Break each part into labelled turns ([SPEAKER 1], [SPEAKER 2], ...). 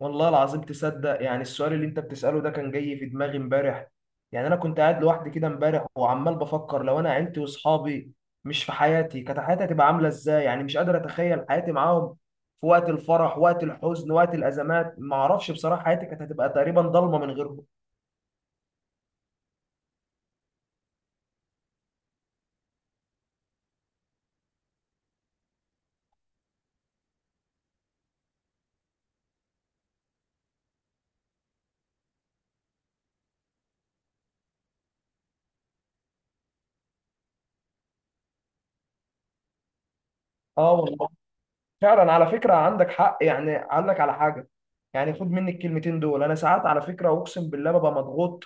[SPEAKER 1] والله العظيم تصدق؟ يعني السؤال اللي انت بتسأله ده كان جاي في دماغي امبارح. يعني انا كنت قاعد لوحدي كده امبارح وعمال بفكر، لو انا عيلتي واصحابي مش في حياتي كانت حياتي هتبقى عاملة ازاي؟ يعني مش قادر اتخيل حياتي معاهم في وقت الفرح، وقت الحزن، وقت الازمات. ما اعرفش بصراحة، حياتي كانت هتبقى تقريبا ضلمة من غيرهم. اه والله، فعلا على فكرة عندك حق. يعني اقول لك على حاجة، يعني خد مني الكلمتين دول. انا ساعات على فكرة اقسم بالله ببقى مضغوط،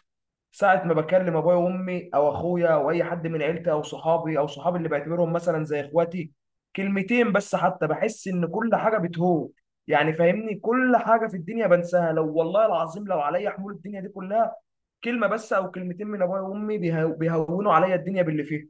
[SPEAKER 1] ساعة ما بكلم ابويا وامي او اخويا او اي حد من عيلتي او صحابي او صحابي اللي بعتبرهم مثلا زي اخواتي، كلمتين بس حتى بحس ان كل حاجة بتهون. يعني فاهمني، كل حاجة في الدنيا بنساها، لو والله العظيم لو عليا حمول الدنيا دي كلها، كلمة بس او كلمتين من ابويا وامي بيهونوا عليا الدنيا باللي فيها.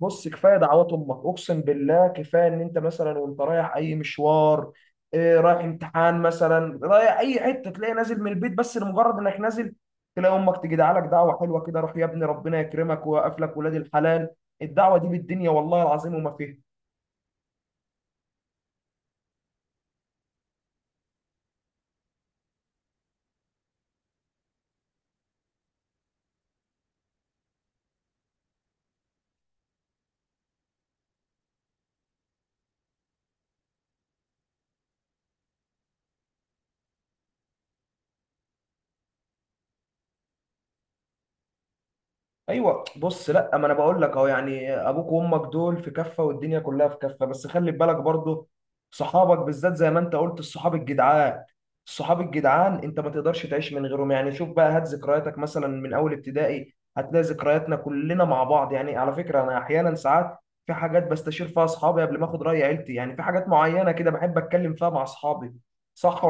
[SPEAKER 1] بص، كفايه دعوات امك، اقسم بالله، كفايه ان انت مثلا وانت رايح اي مشوار، إيه، رايح امتحان مثلا، رايح اي حته، تلاقي نازل من البيت، بس لمجرد انك نازل تلاقي امك تجي دعالك دعوه حلوه كده: روح يا ابني ربنا يكرمك ويوقف لك ولاد الحلال. الدعوه دي بالدنيا والله العظيم وما فيها. ايوه، بص، لا ما انا بقول لك اهو، يعني ابوك وامك دول في كفه والدنيا كلها في كفه، بس خلي بالك برضو صحابك بالذات. زي ما انت قلت الصحاب الجدعان، الصحاب الجدعان انت ما تقدرش تعيش من غيرهم. يعني شوف بقى، هات ذكرياتك مثلا من اول ابتدائي هتلاقي ذكرياتنا كلنا مع بعض. يعني على فكره، انا احيانا ساعات في حاجات بستشير فيها اصحابي قبل ما اخد راي عيلتي، يعني في حاجات معينه كده بحب اتكلم فيها مع اصحابي. صح.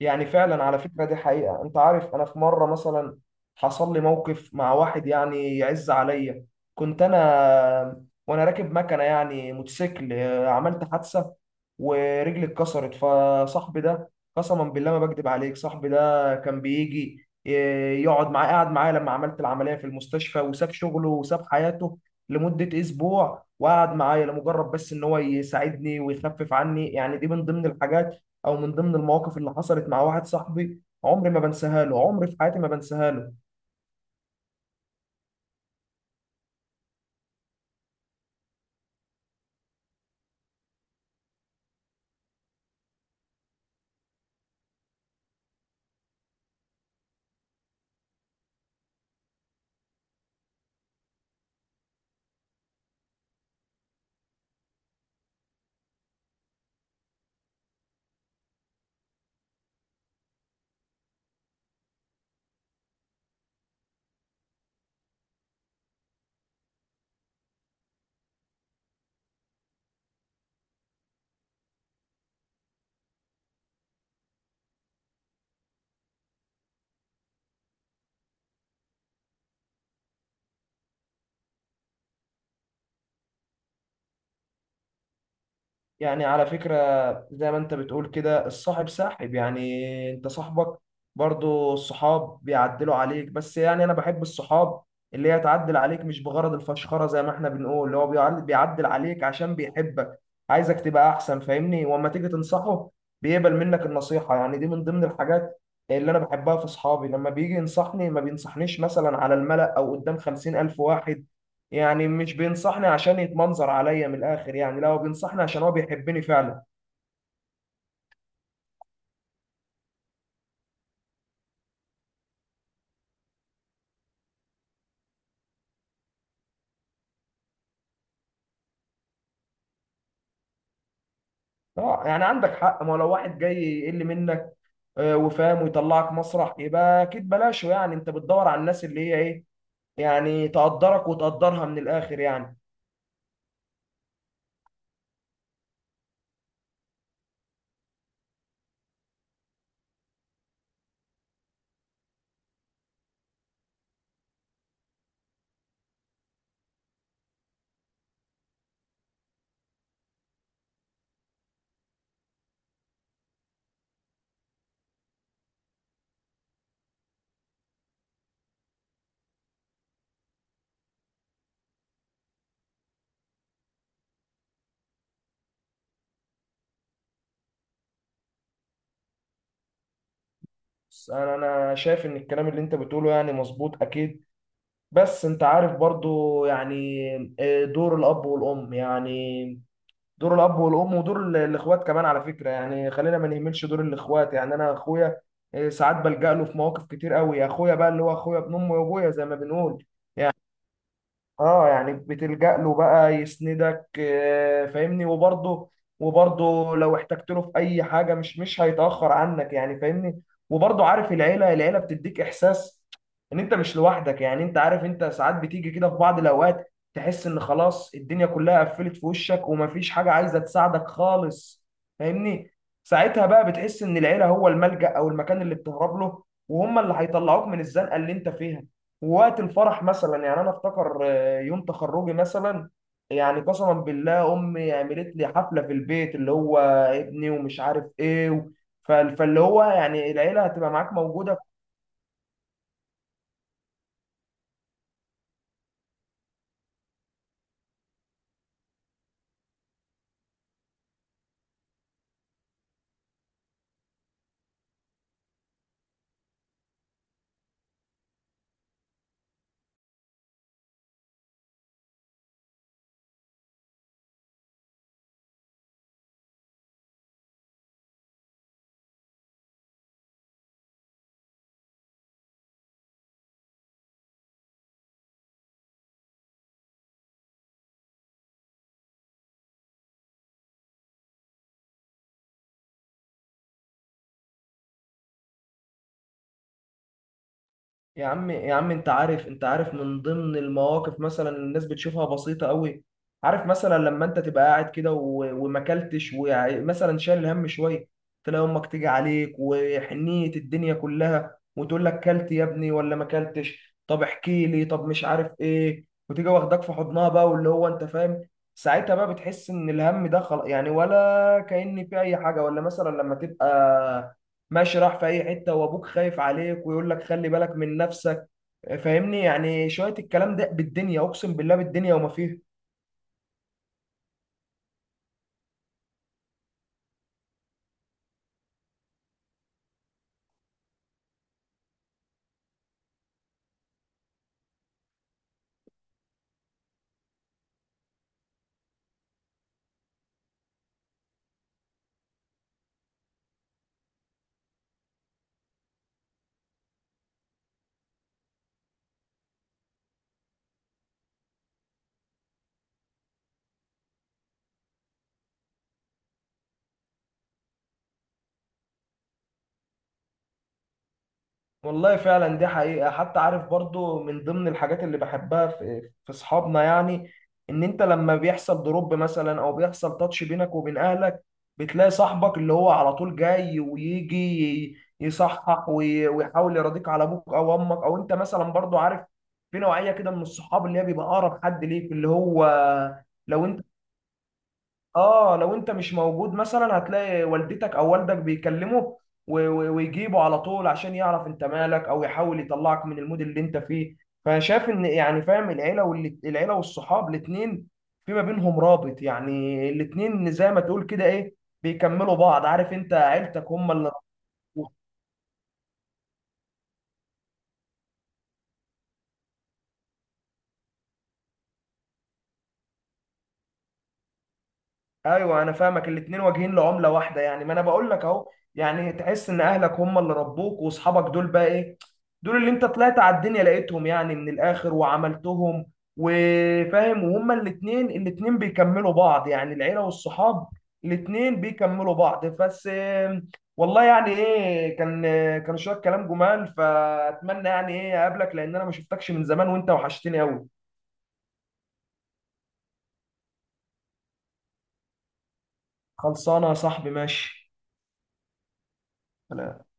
[SPEAKER 1] يعني فعلا على فكرة دي حقيقة، انت عارف انا في مرة مثلا حصل لي موقف مع واحد يعني يعز عليا. كنت انا وانا راكب مكنة، يعني موتوسيكل، عملت حادثة ورجلي اتكسرت، فصاحبي ده قسما بالله ما بكذب عليك، صاحبي ده كان بيجي يقعد معايا، قعد معايا لما عملت العملية في المستشفى، وساب شغله وساب حياته لمدة اسبوع، وقعد معايا لمجرد بس ان هو يساعدني ويخفف عني. يعني دي من ضمن الحاجات او من ضمن المواقف اللي حصلت مع واحد صاحبي، عمري ما بنساها له، عمري في حياتي ما بنساها له. يعني على فكرة، زي ما انت بتقول كده الصاحب ساحب، يعني انت صاحبك برضو الصحاب بيعدلوا عليك. بس يعني انا بحب الصحاب اللي هي تعدل عليك مش بغرض الفشخرة، زي ما احنا بنقول، اللي هو بيعدل عليك عشان بيحبك، عايزك تبقى احسن، فاهمني. واما تيجي تنصحه بيقبل منك النصيحة، يعني دي من ضمن الحاجات اللي انا بحبها في صحابي، لما بيجي ينصحني ما بينصحنيش مثلا على الملأ او قدام 50,000 واحد، يعني مش بينصحني عشان يتمنظر عليا من الاخر. يعني لا، هو بينصحني عشان هو بيحبني فعلا. اه يعني عندك حق، ما هو لو واحد جاي يقل منك وفاهم ويطلعك مسرح، يبقى اكيد بلاشه. يعني انت بتدور على الناس اللي هي ايه، يعني تقدرك وتقدرها من الاخر يعني. بس انا شايف ان الكلام اللي انت بتقوله يعني مظبوط اكيد، بس انت عارف برضو، يعني دور الاب والام. يعني دور الاب والام، ودور الاخوات كمان على فكره. يعني خلينا ما نهملش دور الاخوات، يعني انا اخويا، ساعات بلجأ له في مواقف كتير قوي، اخويا بقى اللي هو اخويا ابن امي وابويا زي ما بنقول. اه يعني بتلجأ له بقى يسندك، فاهمني. وبرضه لو احتجت له في اي حاجه، مش هيتأخر عنك، يعني فاهمني. وبرضه عارف العيله، العيله بتديك احساس ان انت مش لوحدك. يعني انت عارف، انت ساعات بتيجي كده في بعض الاوقات تحس ان خلاص الدنيا كلها قفلت في وشك، ومفيش حاجه عايزه تساعدك خالص، فاهمني. ساعتها بقى بتحس ان العيله هو الملجأ او المكان اللي بتهرب له، وهم اللي هيطلعوك من الزنقه اللي انت فيها. ووقت الفرح مثلا، يعني انا افتكر، يوم تخرجي مثلا، يعني قسما بالله امي عملت لي حفله في البيت، اللي هو ابني ومش عارف ايه فاللي هو، يعني العيله هتبقى معاك موجوده. يا عم، يا عم انت عارف، انت عارف من ضمن المواقف مثلا الناس بتشوفها بسيطة قوي، عارف مثلا لما انت تبقى قاعد كده وماكلتش، ومثلا شايل هم شوية، تلاقي امك تيجي عليك وحنية الدنيا كلها وتقول لك: كلت يا ابني ولا ما كلتش؟ طب احكي لي، طب مش عارف ايه، وتيجي واخداك في حضنها بقى، واللي هو انت فاهم. ساعتها بقى بتحس ان الهم ده خلاص، يعني ولا كأن في اي حاجة. ولا مثلا لما تبقى ماشي راح في اي حته وابوك خايف عليك ويقول لك خلي بالك من نفسك، فاهمني، يعني شويه الكلام ده بالدنيا اقسم بالله، بالدنيا وما فيها. والله فعلا دي حقيقه. حتى عارف برضو، من ضمن الحاجات اللي بحبها في اصحابنا، يعني ان انت لما بيحصل دروب مثلا، او بيحصل تاتش بينك وبين اهلك، بتلاقي صاحبك اللي هو على طول جاي، ويجي يصحح ويحاول يراضيك على ابوك او امك، او انت مثلا برضو عارف. في نوعيه كده من الصحاب اللي هي بيبقى اقرب حد ليك، اللي هو لو انت اه لو انت مش موجود مثلا، هتلاقي والدتك او والدك بيكلمه، ويجيبه على طول عشان يعرف انت مالك، او يحاول يطلعك من المود اللي انت فيه. فشاف ان يعني فاهم، العيله والصحاب، الاثنين في ما بينهم رابط، يعني الاثنين زي ما تقول كده ايه، بيكملوا بعض. عارف انت عيلتك هم اللي ايوه، انا فاهمك. الاتنين واجهين لعمله واحده، يعني ما انا بقول لك اهو، يعني تحس ان اهلك هم اللي ربوك، واصحابك دول بقى ايه، دول اللي انت طلعت على الدنيا لقيتهم يعني، من الاخر وعملتهم. وفاهم، وهما الاتنين، الاتنين بيكملوا بعض، يعني العيله والصحاب الاتنين بيكملوا بعض. بس والله يعني ايه، كان شويه كلام جمال. فاتمنى يعني ايه اقابلك، لان انا ما شفتكش من زمان وانت وحشتني قوي. خلصانه يا صاحبي ماشي.